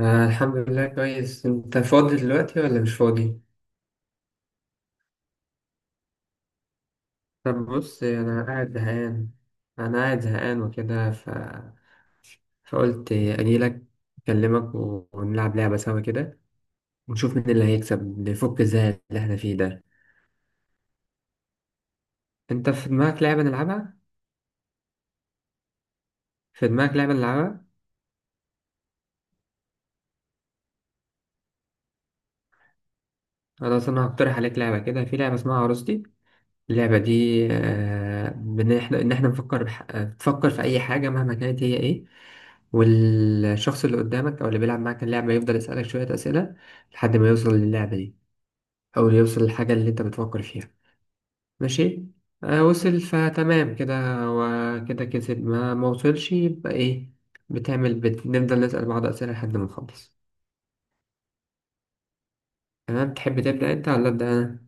الحمد لله كويس. انت فاضي دلوقتي ولا مش فاضي؟ طب بص، انا قاعد زهقان. انا قاعد زهقان وكده فقلت اجيلك، اكلمك و- ونلعب لعبة سوا كده، ونشوف مين اللي هيكسب نفك الزهق اللي احنا فيه ده. انت في دماغك لعبة نلعبها؟ في دماغك لعبة نلعبها؟ خلاص انا هقترح عليك لعبة، كده في لعبة اسمها عروستي. اللعبة دي بإن إحنا إن إحنا نفكر بح... آه، تفكر في أي حاجة مهما كانت هي إيه، والشخص اللي قدامك أو اللي بيلعب معاك اللعبة يفضل يسألك شوية أسئلة لحد ما يوصل للعبة دي، أو يوصل للحاجة اللي أنت بتفكر فيها. ماشي. وصل فتمام كده. وكده كسب، ما وصلش يبقى إيه. نفضل نسأل بعض أسئلة لحد ما نخلص. تمام، تحب تبدأ أنت ولا أبدأ أنا؟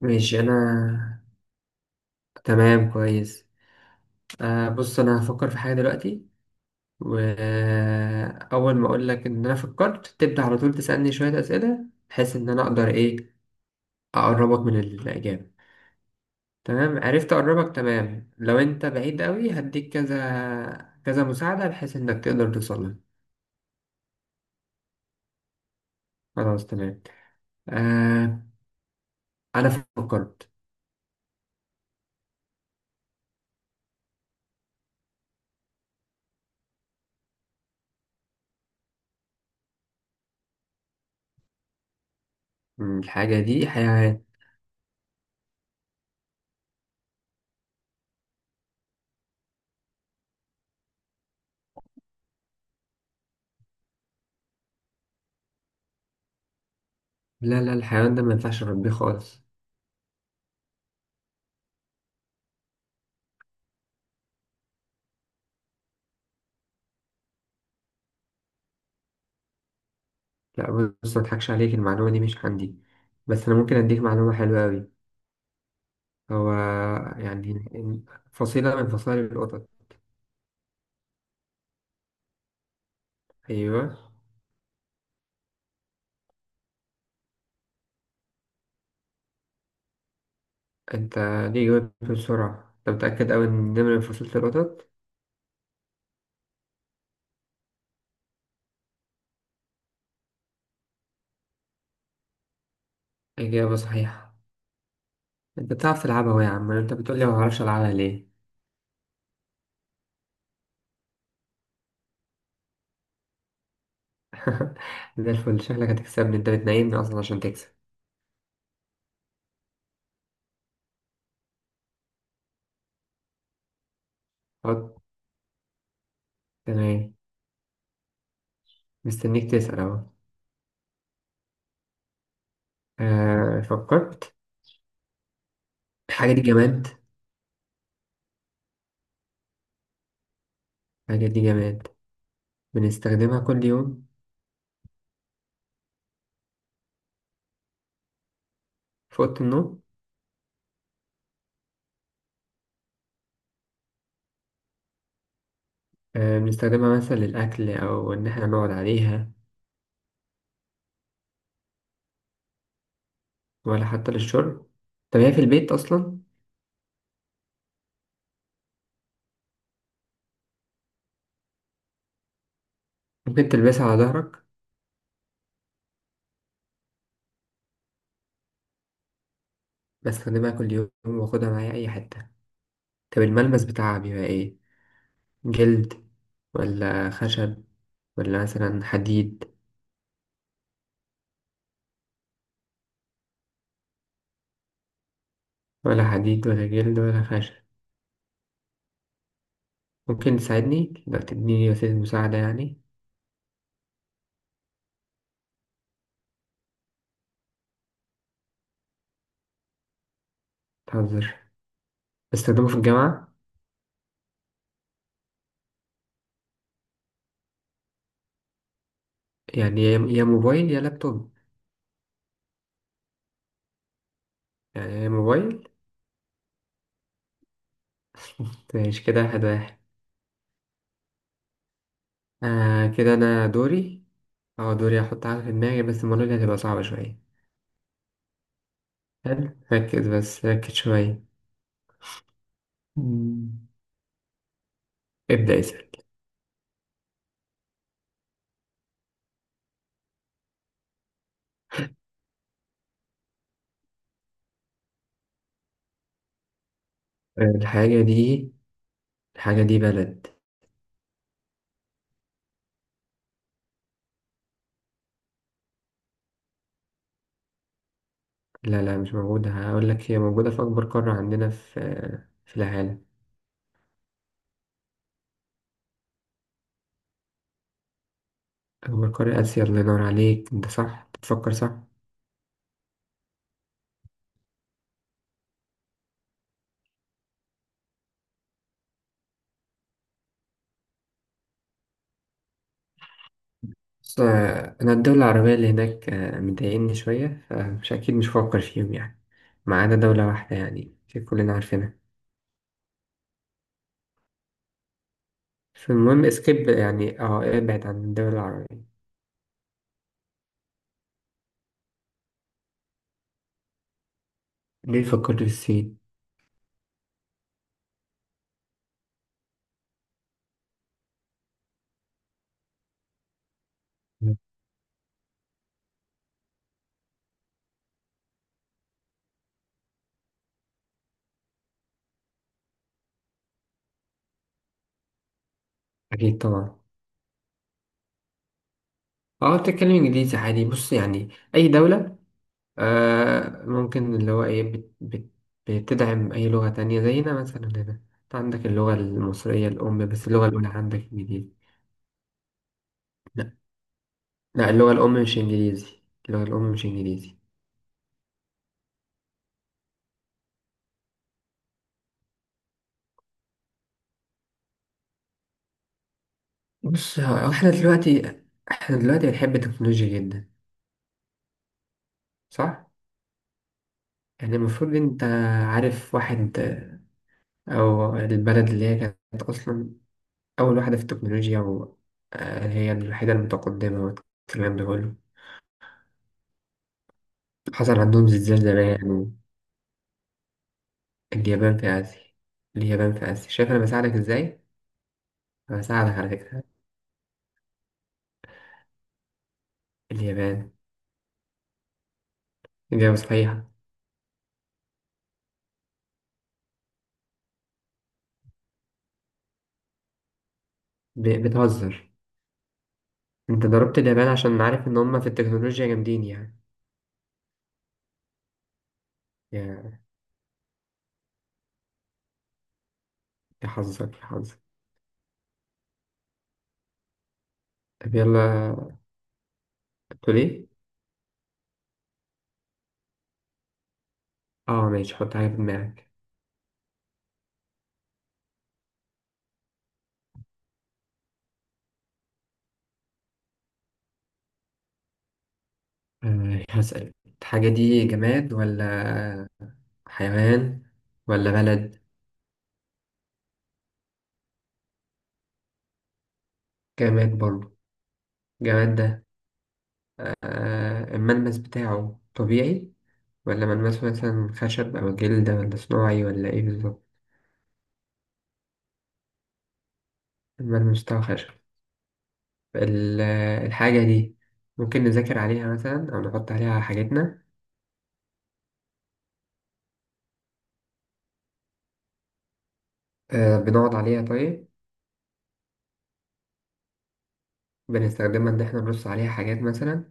ماشي أنا. تمام كويس. بص، أنا هفكر في حاجة دلوقتي، وأول ما أقول لك إن أنا فكرت تبدأ على طول تسألني شوية أسئلة بحيث إن أنا أقدر إيه، أقربك من الإجابة. تمام؟ عرفت أقربك، تمام. لو أنت بعيد أوي هديك كذا كذا مساعدة بحيث إنك تقدر توصل لها. خلاص تمام. آه، أنا فكرت. الحاجة دي حيوان. لا الحيوان ده ما ينفعش أربيه خالص. لا. بص، ما أضحكش عليك، المعلومة دي مش عندي، بس أنا ممكن أديك معلومة حلوة أوي. هو يعني فصيلة من فصائل القطط. أيوه. أنت ليه جاوبت بسرعة؟ أنت متأكد أوي إن النمر من فصيلة القطط؟ إجابة صحيحة. أنت بتعرف تلعبها أهو يا عم. أنت بتقولي ما بعرفش ألعبها ليه؟ ده الفل. شكلك هتكسبني، أنت بتنايمني أصلا عشان تكسب. حط. تمام. مستنيك تسأل أهو. فكرت. الحاجة دي جماد. الحاجة دي جماد، بنستخدمها كل يوم، في أوضة النوم. بنستخدمها مثلا للأكل أو إن إحنا نقعد عليها، ولا حتى للشرب؟ طب هي في البيت أصلا؟ ممكن تلبسها على ظهرك؟ بستخدمها كل يوم، واخدها معايا أي حتة. طب الملمس بتاعها بيبقى إيه؟ جلد ولا خشب ولا مثلا حديد؟ ولا حديد ولا جلد ولا خشب؟ ممكن تساعدني لو تديني وسيلة مساعدة يعني. تهزر. بستخدمه في الجامعة. يعني يا موبايل يا لابتوب. يعني يا موبايل. ماشي كده، واحد واحد. كده أنا دوري. أه دوري أحط حاجة في دماغي، بس المرة دي هتبقى صعبة شوية. حلو، ركز بس، ركز شوية. مم. ابدأ اسأل. الحاجة دي، الحاجة دي بلد. لا، لا مش موجودة، هقول لك هي موجودة في أكبر قارة عندنا في، في العالم. أكبر قارة آسيا، الله ينور عليك، أنت صح، بتفكر صح. بص، أنا الدولة العربية اللي هناك مضايقني شوية، فمش أكيد مش هفكر فيهم يعني، ما عدا دولة واحدة يعني، في كلنا عارفينها. فالمهم اسكيب يعني، اه ابعد عن الدول العربية. ليه فكرت في الصين؟ أكيد طبعا. اه بتتكلم إنجليزي عادي، بص يعني أي دولة ممكن اللي هو ايه، بت بتدعم اي لغة تانية، زينا مثلا هنا، انت عندك اللغة المصرية الأم بس اللغة الأولى عندك إنجليزي. لا لا اللغة الأم مش إنجليزي، اللغة الأم مش إنجليزي. بص، هو احنا دلوقتي بنحب التكنولوجيا جدا، صح؟ يعني المفروض انت عارف واحد او البلد اللي هي كانت أصلا أول واحدة في التكنولوجيا وهي الوحيدة المتقدمة والكلام ده كله. حصل عندهم زلزال زمان. اليابان في آسيا. اليابان في آسيا، شايف أنا بساعدك إزاي؟ أنا بساعدك على فكرة. اليابان. إجابة صحيحة. بتهزر. أنت ضربت اليابان عشان عارف إن هما في التكنولوجيا جامدين يعني. يا يا حظك، يا حظك. طب يلا، تقول إيه؟ آه ماشي، حط حاجة في دماغك. آه، هسأل. الحاجة دي جماد ولا حيوان ولا بلد؟ جماد برضه. جماد ده. آه، الملمس بتاعه طبيعي ولا ملمسه مثلا خشب أو جلد، ولا صناعي ولا إيه بالظبط؟ الملمس بتاعه خشب. ال- الحاجة دي ممكن نذاكر عليها مثلا أو نحط عليها حاجتنا؟ آه بنقعد عليها طيب؟ بنستخدمها إن إحنا نرص عليها حاجات مثلا؟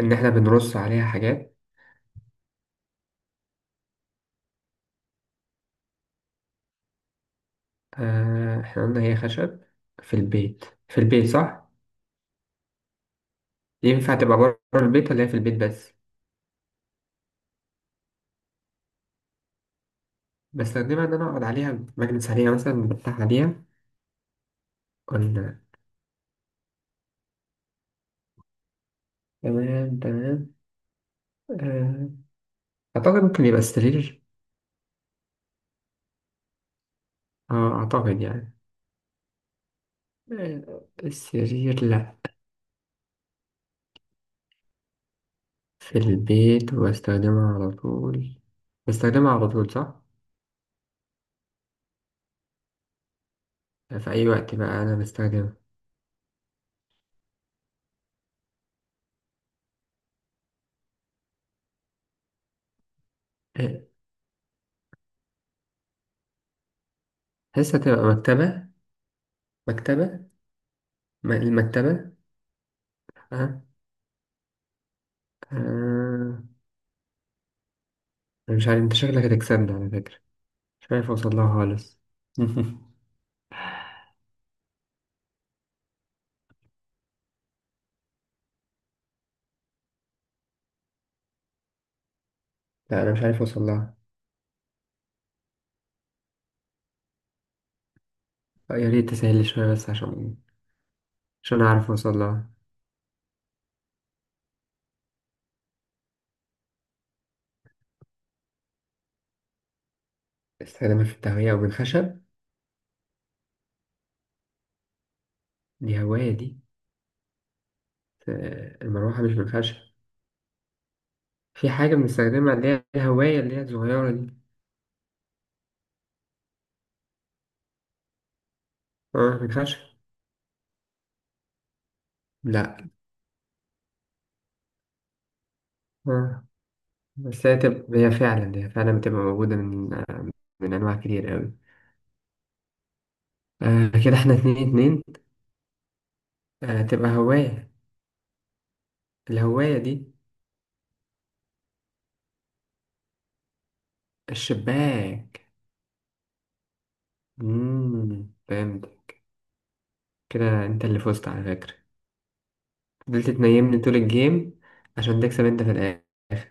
إن إحنا بنرص عليها حاجات؟ آه إحنا قلنا هي خشب، في البيت، صح؟ ينفع تبقى بره البيت ولا هي في البيت بس؟ بستخدمها إن أنا أقعد عليها، بجلس عليها مثلا، بفتح عليها، قلنا. تمام. آه، أعتقد ممكن يبقى السرير. اه اعتقد يعني. آه، السرير لا. في البيت وبستخدمها على طول. بستخدمها على طول، صح. في اي وقت بقى انا بستخدمها. آه، حاسة تبقى مكتبة. مكتبة. المكتبة. اه. آه. أنا مش عارف، انت شكلك هتكسبني على فكرة، مش عارف اوصل لها خالص. لا انا مش عارف اوصل لها. آه، يا ريت تسهل لي شوية، بس عشان، عشان اعرف اوصل لها. استخدمها في التهوية او بالخشب؟ دي هواية دي. آه، المروحة مش بالخشب. في حاجة بنستخدمها اللي هي الهواية، اللي هي الصغيرة دي. اه الخشب. لا، اه بس هي تبقى، هي فعلا بتبقى موجودة من من أنواع كتير أوي. آه كده احنا 2-2. آه تبقى هواية. الهواية دي. الشباك. فهمت. كده انت اللي فزت على فكرة، فضلت تنيمني طول الجيم عشان تكسب انت في الآخر.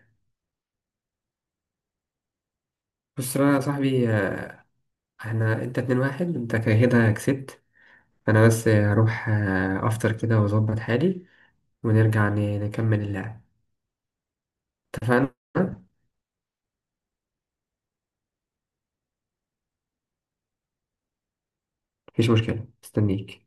بص بقى يا صاحبي، احنا انت 2-1، انت كده كسبت. انا بس هروح افطر كده واظبط حالي، ونرجع نكمل اللعب. اتفقنا؟ مفيش مشكلة، استنيك.